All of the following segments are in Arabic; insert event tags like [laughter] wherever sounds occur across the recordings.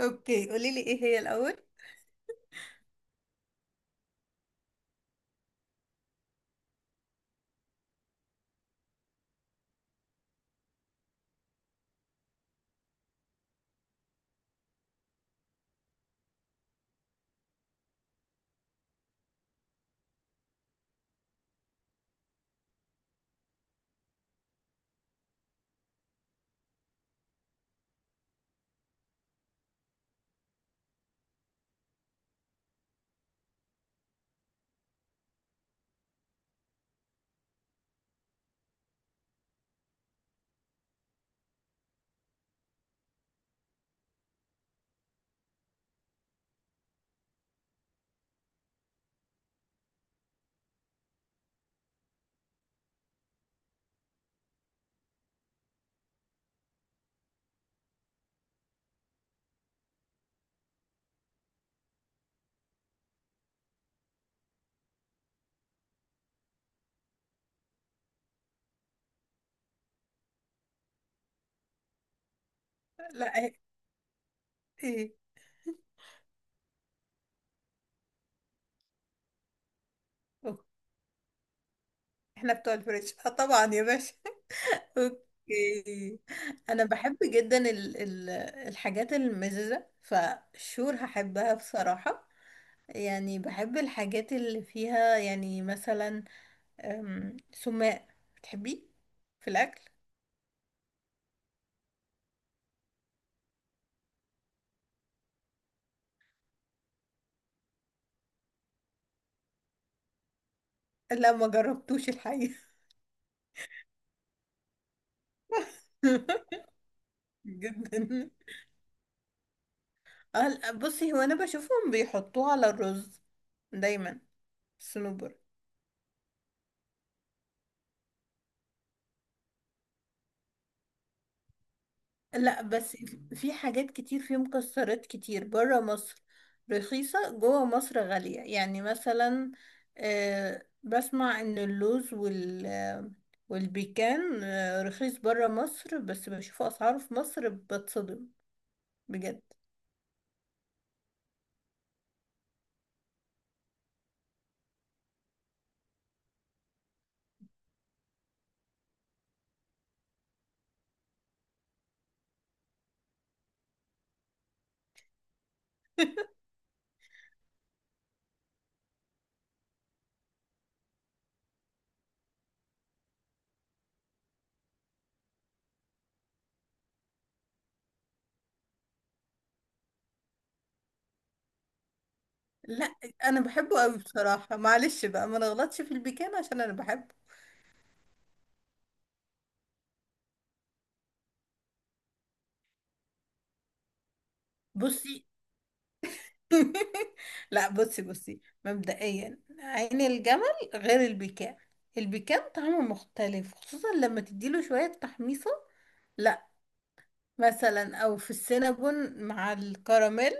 اوكي، قولي لي ايه هي الاول. لا ايه؟ إيه؟ أوكي. احنا بتوع الفريش اه طبعا يا باشا. [laughs] اوكي. انا بحب جدا ال الحاجات المززه فشور هحبها بصراحه. يعني بحب الحاجات اللي فيها، يعني مثلا سماق، بتحبيه في الاكل؟ لا ما جربتوش الحقيقه. [laughs] جدا. لا، بصي، هو انا بشوفهم بيحطوه على الرز دايما، الصنوبر. لا بس في حاجات كتير، في مكسرات كتير بره مصر رخيصة، جوه مصر غالية. يعني مثلا، بسمع ان اللوز وال آه، والبيكان، رخيص بره مصر، بس بشوف اسعاره في مصر بتصدم بجد. لا انا بحبه قوي بصراحة، معلش بقى ما نغلطش في البيكان عشان انا بحبه. بصي. [laughs] لا بصي، بصي، مبدئيا عين الجمل غير البكاء، البكاء طعمه مختلف خصوصا لما تديله شوية تحميصة. لا مثلا، او في السينابون مع الكراميل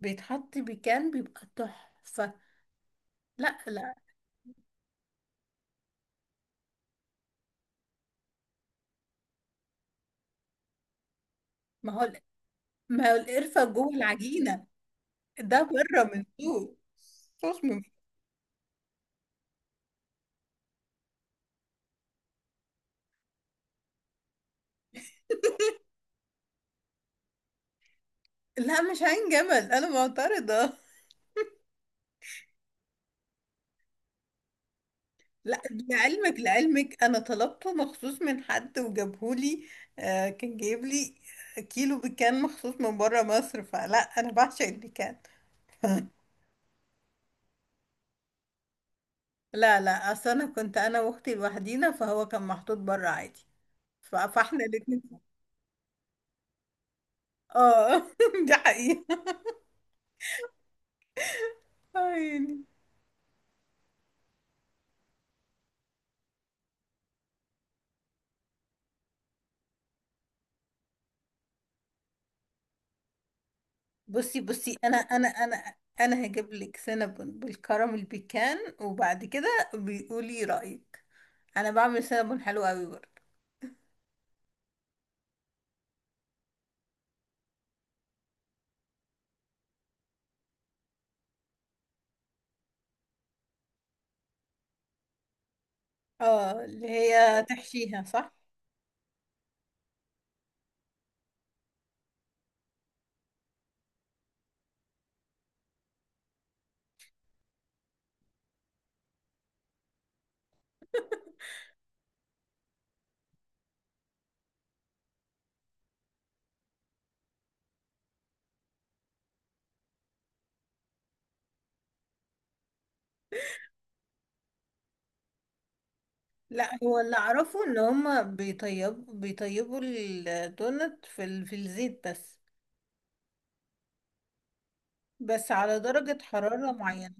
بيتحط بيكان بيبقى تحفة. لا لا. ما هو، ما هو القرفة جوه العجينة، ده بره من فوق. صوص من فوق. لا مش عين جمل، انا معترضة. [laughs] لا، لعلمك، لعلمك انا طلبته مخصوص من حد وجابهولي. آه كان جايب لي كيلو بيكان مخصوص من بره مصر، فلا انا بعشق البيكان. [laughs] لا لا، اصل انا كنت انا واختي لوحدينا، فهو كان محطوط بره عادي. فاحنا الاتنين. اه. [laughs] دي حقيقة. عيني. بصي بصي، انا انا انا هجيب لك سينابون بالكراميل بيكان، وبعد كده بيقولي رأيك. انا بعمل سينابون حلو قوي برضه. اه اللي هي تحشيها، صح. لا هو اللي اعرفه ان هما بيطيبوا الدونت في الزيت بس، بس على درجة حرارة معينة.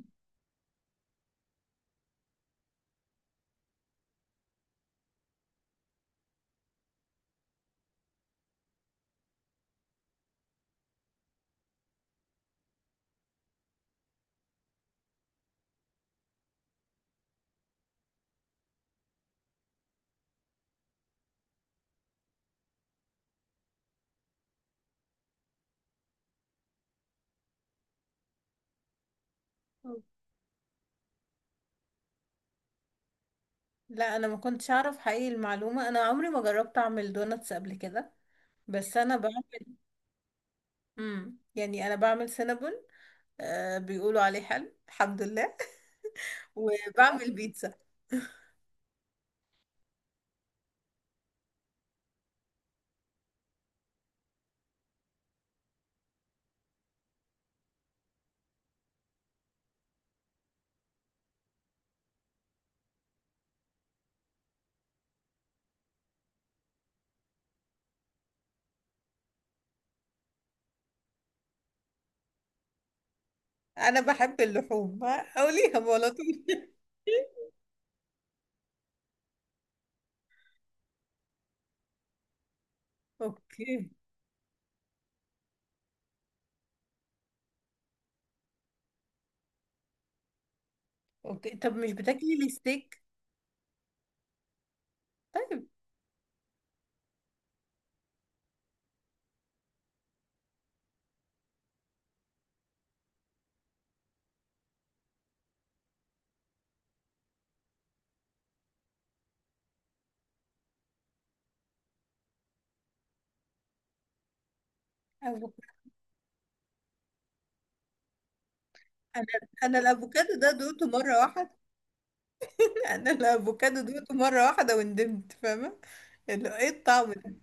لا انا ما كنتش اعرف حقيقي المعلومة، انا عمري ما جربت اعمل دونتس قبل كده. بس انا بعمل، يعني انا بعمل سينابون، آه بيقولوا عليه حلو الحمد لله. [laughs] وبعمل بيتزا. انا بحب اللحوم، قوليها على طول. [laughs] اوكي. اوكي طب مش بتاكلي الستيك؟ أفوكادو. انا، انا الافوكادو ده دوقته مره واحده. [laughs] انا الافوكادو دوقته مره واحده وندمت، فاهمه؟ اللي هو ايه الطعم ده؟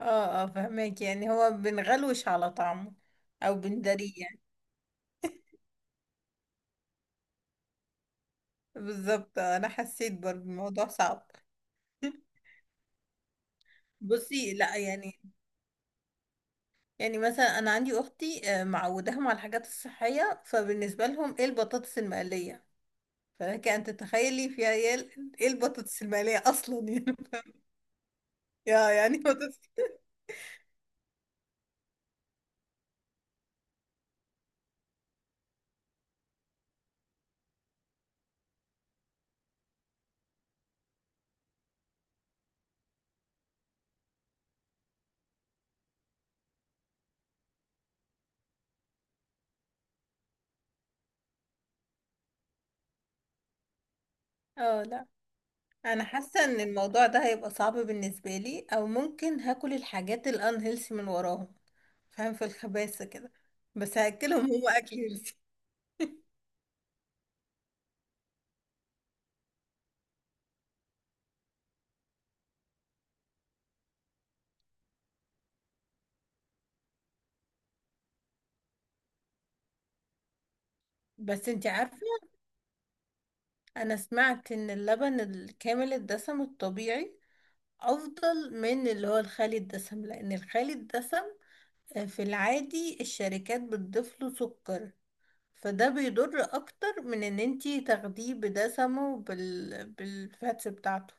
اه اه فهماك، يعني هو بنغلوش على طعمه او بنداريه يعني. بالظبط. انا حسيت برضه الموضوع صعب. [laughs] بصي لا، يعني يعني مثلا، انا عندي اختي، معوداهم على الحاجات الصحيه، فبالنسبه لهم ايه البطاطس المقليه؟ فلك ان تتخيلي فيها ايه إيه البطاطس المقليه اصلا. [laughs] يعني يا يعني بطاطس. اه لا، انا حاسه ان الموضوع ده هيبقى صعب بالنسبه لي، او ممكن هاكل الحاجات الان هيلثي من وراهم، فاهم؟ في الخباثه كده. بس هاكلهم هم اكل هيلثي. بس انتي عارفه، انا سمعت ان اللبن الكامل الدسم الطبيعي افضل من اللي هو الخالي الدسم، لان الخالي الدسم، في العادي الشركات بتضيف له سكر، فده بيضر اكتر من ان انتي تاخديه بدسمه بالفاتس بتاعته.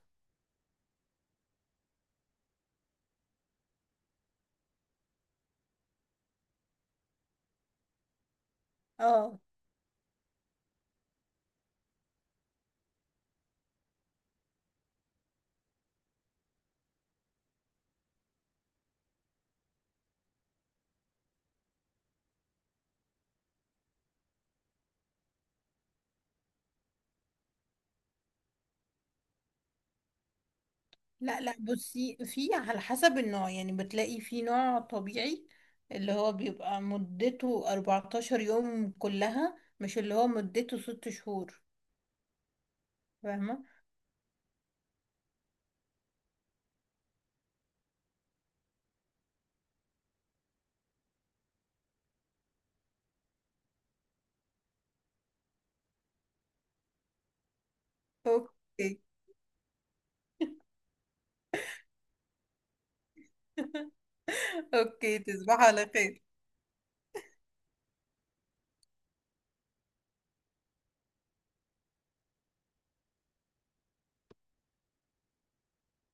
اه لا لا، بصي في على حسب النوع، يعني بتلاقي في نوع طبيعي اللي هو بيبقى مدته 14 يوم كلها، مش اللي هو مدته 6 شهور. فاهمة. اوكي. اوكي تصبح على خير.